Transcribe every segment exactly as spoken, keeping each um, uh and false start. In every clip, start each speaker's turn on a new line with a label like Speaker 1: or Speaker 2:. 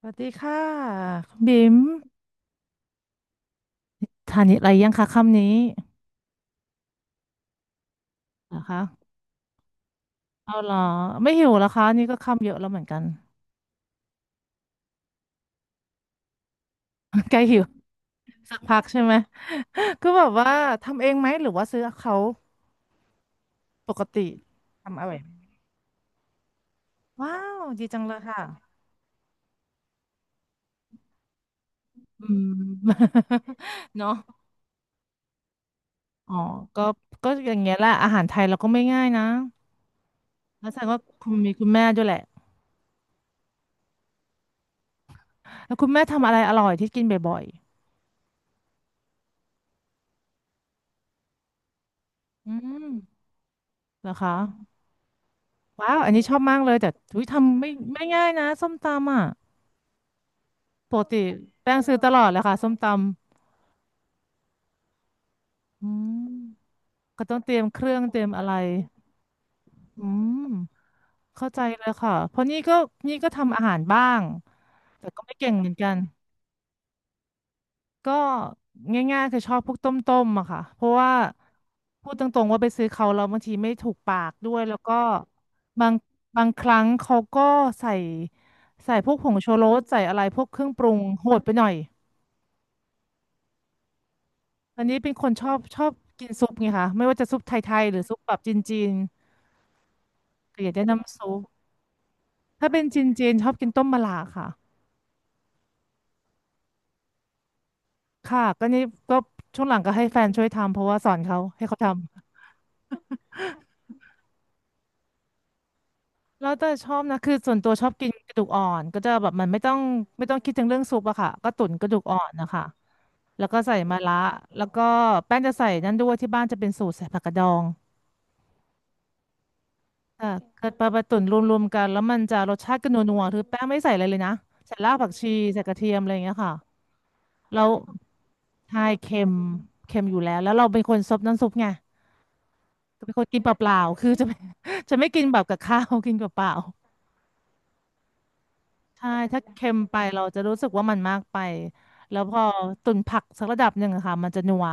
Speaker 1: สวัสดีค่ะคุณบิมทานอะไรยังคะค่ำนี้นะคะเอาเหรอไม่หิวแล้วคะนี่ก็ค่ำเยอะแล้วเหมือนกัน ใกล้หิวสักพักใช่ไหมก็แบบว่าทำเองไหมหรือว่าซื้อเขาปกติทำอร่อยไหมว้าวดีจังเลยค่ะอืม เนาะอ๋อก็ก็อย่างเงี้ยแหละอาหารไทยเราก็ไม่ง่ายนะแล้วแสดงว่าคุณมีคุณแม่ด้วยแหละแล้วคุณแม่ทำอะไรอร่อยที่กินบ่อยๆอืมเหรอคะ ว้าวอันนี้ชอบมากเลยแต่ทุยทำไม่ไม่ง่ายนะส้มตำอ่ะปกติแป้งซื้อตลอดเลยค่ะส้มตำอืมก็ต้องเตรียมเครื่องเตรียมอะไรอืมเข้าใจเลยค่ะเพราะนี่ก็นี่ก็ทำอาหารบ้างแต่ก็ไม่เก่งเหมือนกัน ก็ง่ายๆคือชอบพวกต้มๆอะค่ะเพราะว่าพูดตรงๆว่าไปซื้อเขาแล้วบางทีไม่ถูกปากด้วยแล้วก็บางบางครั้งเขาก็ใส่ใส่พวกผงชูรสใส่อะไรพวกเครื่องปรุงโหดไปหน่อย อันนี้เป็นคนชอบชอบกินซุปไงคะไม่ว่าจะซุปไทยๆหรือซุปแบบจีนๆก็อยากได้น้ำซุปถ้าเป็นจีนๆชอบกินต้มมะระค่ะค่ะก็นี่ก็ช่วงหลังก็ให้แฟนช่วยทำเพราะว่าสอนเขาให้เขาทำแล้วแต่ชอบนะคือส่วนตัวชอบกินกระดูกอ่อนก็จะแบบมันไม่ต้องไม่ต้องคิดถึงเรื่องซุปอะค่ะก็ตุ๋นกระดูกอ่อนนะคะแล้วก็ใส่มะระแล้วก็แป้งจะใส่นั่นด้วยที่บ้านจะเป็นสูตรใส่ผักกาดดอง ค่ะกระปลาปลาตุ๋นรวมๆกันแล้วมันจะรสชาติก็นัวๆคือแป้งไม่ใส่อะไรเลยนะใส่รากผักชีใส่กระเทียมอะไรอย่างเงี้ยค่ะแล้วใช่เค็มเค็มอยู่แล้วแล้วเราเป็นคนซดน้ำซุปไงเป็นคนกินเปล่าๆคือจะไม่ จะไม่กินแบบกับข้าวกินเปล่าๆใช่ถ้าเค็มไปเราจะรู้สึกว่ามันมากไปแล้วพอตุ๋นผักสักระดับหนึ่งอะค่ะมันจะนัว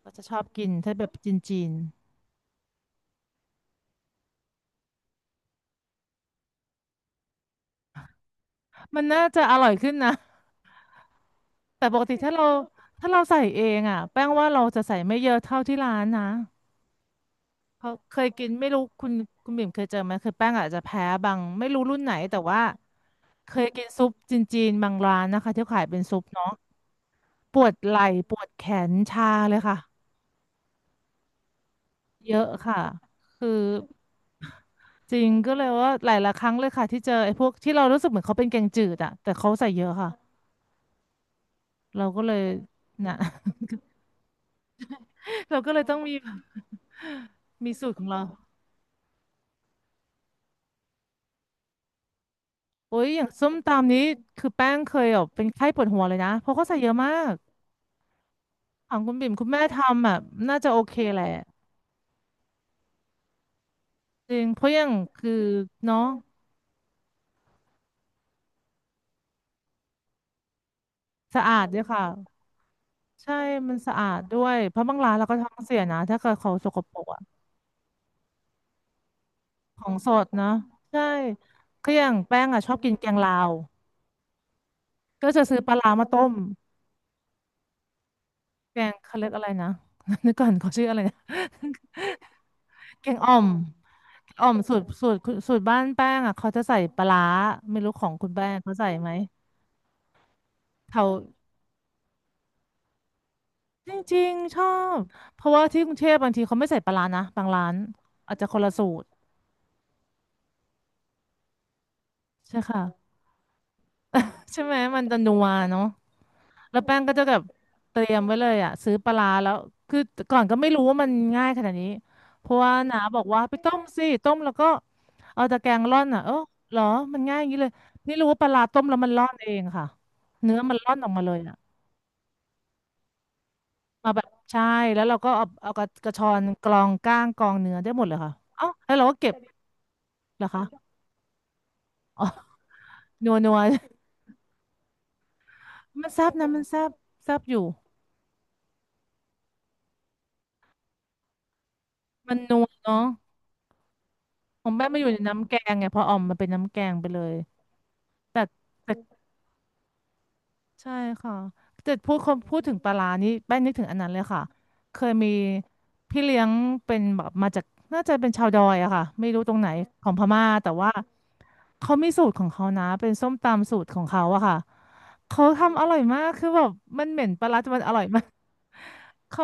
Speaker 1: เราจะชอบกินถ้าแบบจีนๆมันน่าจะอร่อยขึ้นนะ แต่ปกติถ้าเราถ้าเราใส่เองอ่ะแป้งว่าเราจะใส่ไม่เยอะเท่าที่ร้านนะเพราะเคยกินไม่รู้คุณคุณบิ่มเคยเจอไหมคือแป้งอาจจะแพ้บางไม่รู้รุ่นไหนแต่ว่าเคยกินซุปจีนๆบางร้านนะคะที่ขายเป็นซุปเนาะปวดไหล่ปวดแขนชาเลยค่ะเยอะค่ะคือจริงก็เลยว่าหลายๆครั้งเลยค่ะที่เจอไอ้พวกที่เรารู้สึกเหมือนเขาเป็นแกงจืดอ่ะแต่เขาใส่เยอะค่ะเราก็เลยนะ เราก็เลยต้องมีมีสูตรของเรา โอ้ยอย่างส้มตำนี้คือแป้งเคยแบบเป็นไข้ปวดหัวเลยนะเพราะเขาใส่เยอะมากของคุณบิ่มคุณแม่ทำอ่ะน่าจะโอเคแหละจริงเพราะอย่างคือเนาะสะอาดด้วยค่ะใช่มันสะอาดด้วยเพราะบางร้านเราก็ท้องเสียนะถ้าเกิดเขาสกปรกอะของสดนะใช่คืออย่างแป้งอ่ะชอบกินแกงลาวก็จะซื้อปลาร้ามาต้มแกงเขาเรียกอะไรนะ นึกก่อนเขาชื่ออะไรนะ แกงอ่อม อ๋อมสูตรสูตรสูตรบ้านแป้งอ่ะเขาจะใส่ปลาร้าไม่รู้ของคุณแป้งเขาใส่ไหมเขาจริงๆชอบเพราะว่าที่กรุงเทพบางทีเขาไม่ใส่ปลาร้านะบางร้านอาจจะคนละสูตรใช่ค่ะใช่ไหมมันจะนัวเนาะแล้วแป้งก็จะแบบเตรียมไว้เลยอ่ะซื้อปลาร้าแล้วคือก่อนก็ไม่รู้ว่ามันง่ายขนาดนี้เพราะว่าน้าบอกว่าไปต้มสิต้มแล้วก็เอาตะแกรงร่อนอ่ะเออเหรอมันง่ายอย่างนี้เลยนี่รู้ว่าปลาร้าต้มแล้วมันร่อนเองค่ะเนื้อมันร่อนออกมาเลยอ่ะ มาแบบใช่แล้วเราก็เอาเอากระกระชอนกรองก้างกรองเนื้อได้หมดเลยค่ะเอ้าแล้วเราก็เก็บเหรอคะนัวนัว มันแซ่บนะมันแซ่บแซ่บอยู่มันนัวเนาะผมแม่มาอยู่ในน้ำแกงไงพออ่อมมันเป็นน้ำแกงไปเลยแต่แต่ ใช่ค่ะแต่พูดคำพูดถึงปลาร้านี่แป้งนึกถึงอันนั้นเลยค่ะ เคยมีพี่เลี้ยงเป็นแบบมาจากน่าจะเป็นชาวดอยอะค่ะไม่รู้ตรงไหนของพม่าแต่ว่าเขามีสูตรของเขานะ เป็นส้มตำสูตรของเขาอะค่ะเขาทำอร่อยมากคือแบบมันเหม็นปลาร้าแต่มันอร่อยมาก เขา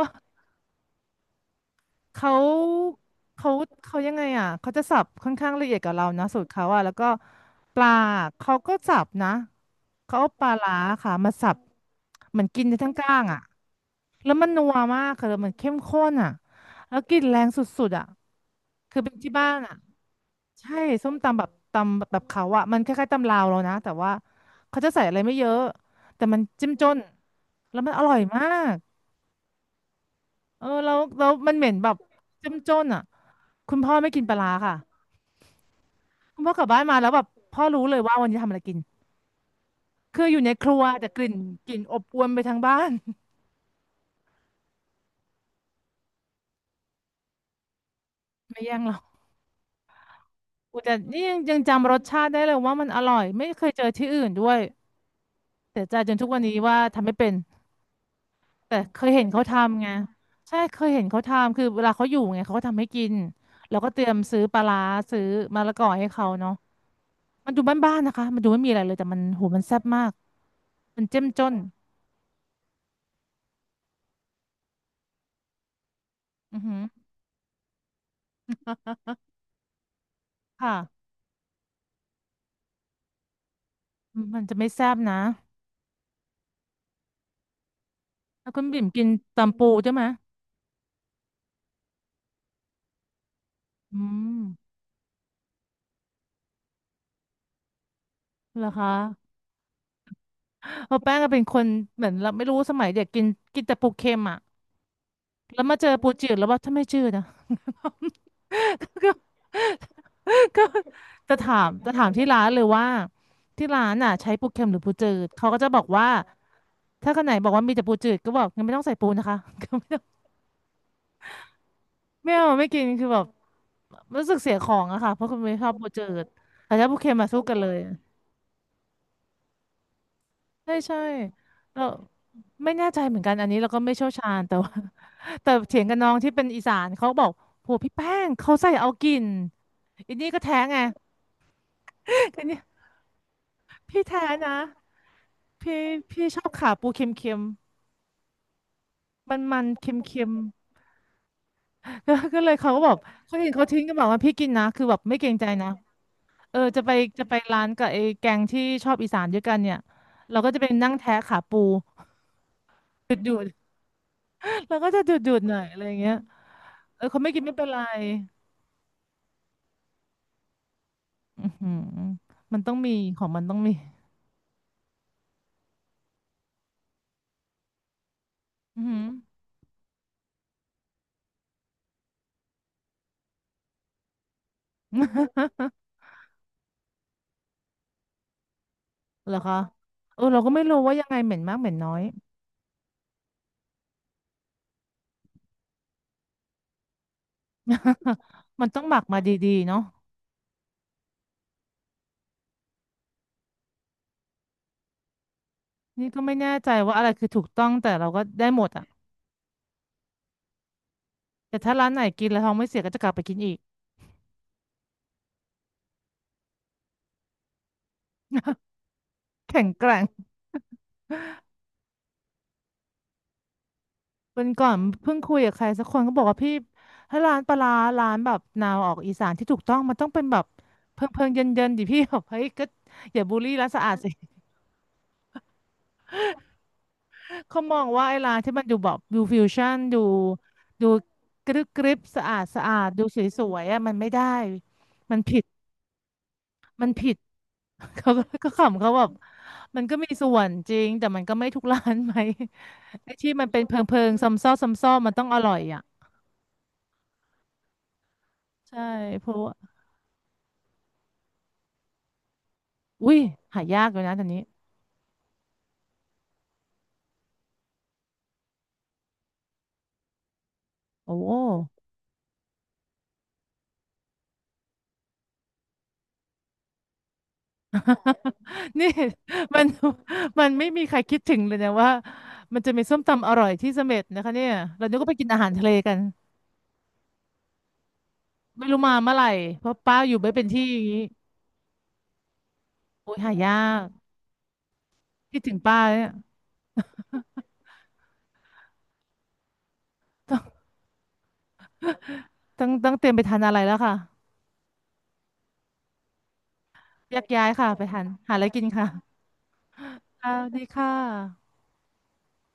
Speaker 1: เขาเขาเขายังไงอ่ะเขาจะสับค่อนข้างละเอียดกับเรานะสูตรเขาอ่ะแล้วก็ปลาเขาก็สับนะเขาเอาปลาร้าค่ะมาสับเหมือนกินในทั้งก้างอ่ะแล้วมันนัวมากค่ะแล้วมันเข้มข้นอ่ะแล้วกลิ่นแรงสุดๆอ่ะคือเป็นที่บ้านอ่ะใช่ส้มตำแบบตำแบบเขาอ่ะมันคล้ายๆตำลาวเรานะแต่ว่าเขาจะใส่อะไรไม่เยอะแต่มันจิ้มจนแล้วมันอร่อยมาก เออแล้วแล้วมันเหม็นแบบจ้ำจ้นอ่ะคุณพ่อไม่กินปลาร้าค่ะคุณพ่อกลับบ้านมาแล้วแบบพ่อรู้เลยว่าวันนี้ทำอะไรกินคืออยู่ในครัวแต่กลิ่นกลิ่นอบอวนไปทั้งบ้าน ไม่แย่งหรอกอุ๊ยแต่นี่ยังยังจำรสชาติได้เลยว่ามันอร่อยไม่เคยเจอที่อื่นด้วยเสียใจจนทุกวันนี้ว่าทำไม่เป็นแต่เคยเห็นเขาทำไงใช่เคยเห็นเขาทำคือเวลาเขาอยู่ไงเขาก็ทำให้กินแล้วก็เตรียมซื้อปลาร้าซื้อมะละกอให้เขาเนาะมันดูบ้านๆนะคะมันดูไม่มีอะไรเลยแต่มันโหมันแซ่บมากมันเจ้มจน อือหือค่ะมมันจะไม่แซ่บนะแล้วคุณบิ่มกินตำปูใช่ไหมอืมเหรอคะ เพราะแป้งก็เป็นคนเหมือนเราไม่รู้สมัยเด็กกินกินแต่ปูเค็มอ่ะแล้วมาเจอปูจืดแล้วว่าถ้าไม่จืดนะ ก็ก็จะถามจะถามที่ร้านเลยว่าที่ร้านอ่ะใช้ปูเค็มหรือปูจืดเขาก็จะบอกว่าถ้าคนไหนบอกว่ามีแต่ปูจืดก็บอกงั้นไม่ต้องใส่ปูนะคะ ไม่เอาไม่กินคือแบบรู้สึกเสียของอะค่ะเพราะคุณไม่ชอบปูจืดแต่ถ้าปูเค็มมาสู้กันเลย ใช่ใช่เราไม่แน่ใจเหมือนกันอันนี้เราก็ไม่เชี่ยวชาญแต่ว่า แต่เถียงกับน้องที่เป็นอีสานเขาบอกโหพี่แป้งเขาใส่เอากินอันนี้ก็แท้ไง อันนี้พี่แท้นะพี่พี่ชอบขาปูเค็มๆมันมันเค็มๆ แล้วก็เลยเขาก็บอกเขาเห็นเขาทิ้งก็บอกว่าพี่กินนะคือแบบไม่เกรงใจนะเออจะไปจะไปร้านกับไอ้แกงที่ชอบอีสานด้วยกันเนี่ยเราก็จะไปนั่งแท้ขาปูดูดๆเราก็จะดูดๆหน่อยอะไรอย่างเงี้ยเออเขาไม่กินไม่เป็นไร อือหือมันต้องมีของมันต้องมีอือหือ เหรอคะเออเราก็ไม่รู้ว่ายังไงเหม็นมากเหม็นน้อย มันต้องหมักมาดีๆเนาะนี่ก็ไม่แน่ใจว่าอะไรคือถูกต้องแต่เราก็ได้หมดอ่ะแต่ถ้าร้านไหนกินแล้วท้องไม่เสียก็จะกลับไปกินอีกแข็งแกร่งวันก่อนเพิ่งคุยกับใครสักคนก็บอกว่าพี่ถ้าร้านปลาร้าร้านแบบแนวออกอีสานที่ถูกต้องมันต้องเป็นแบบเพิงเพิงเย็นเย็นๆดิพี่แบบเฮ้ยก็อย่าบูลลี่ร้านสะอาดสิ เขามองว่าไอ้ร้านที่มันดูแบบดูฟิวชั่นดูดูกรึบกริบสะอาดสะอาดดูสวยๆอ่ะมันไม่ได้มันผิดมันผิด เขาก็ก็ขำเขาแบบมันก็มีส่วนจริงแต่มันก็ไม่ทุกร้านไหมไอ้ที่มันเป็นเพิงเพิงซ้ำซ้อซ้ำซ้อมันต้องอร่อยอ่ะใช่เพราะว่าอุ้ยหายากเลยนะตอนนี้โอ้โห นี่ มันมันไม่มีใครคิดถึงเลยนะว่ามันจะมีส้มตำอร่อยที่เสม็ดนะคะเนี่ยเรานึกว่าไปกินอาหารทะเลกัน ไม่รู้มาเมื่อไหร่ เพราะป้าอยู่ไม่เป็นที่อย่างนี้โอ้ย หายากคิดถึงป้าเนี่ย ต้องต้องต้องเตรียมไปทานอะไรแล้วค่ะแยกย้ายค่ะไปทานหาอะไรกินค่ะค่ะสวัสดีค่ะ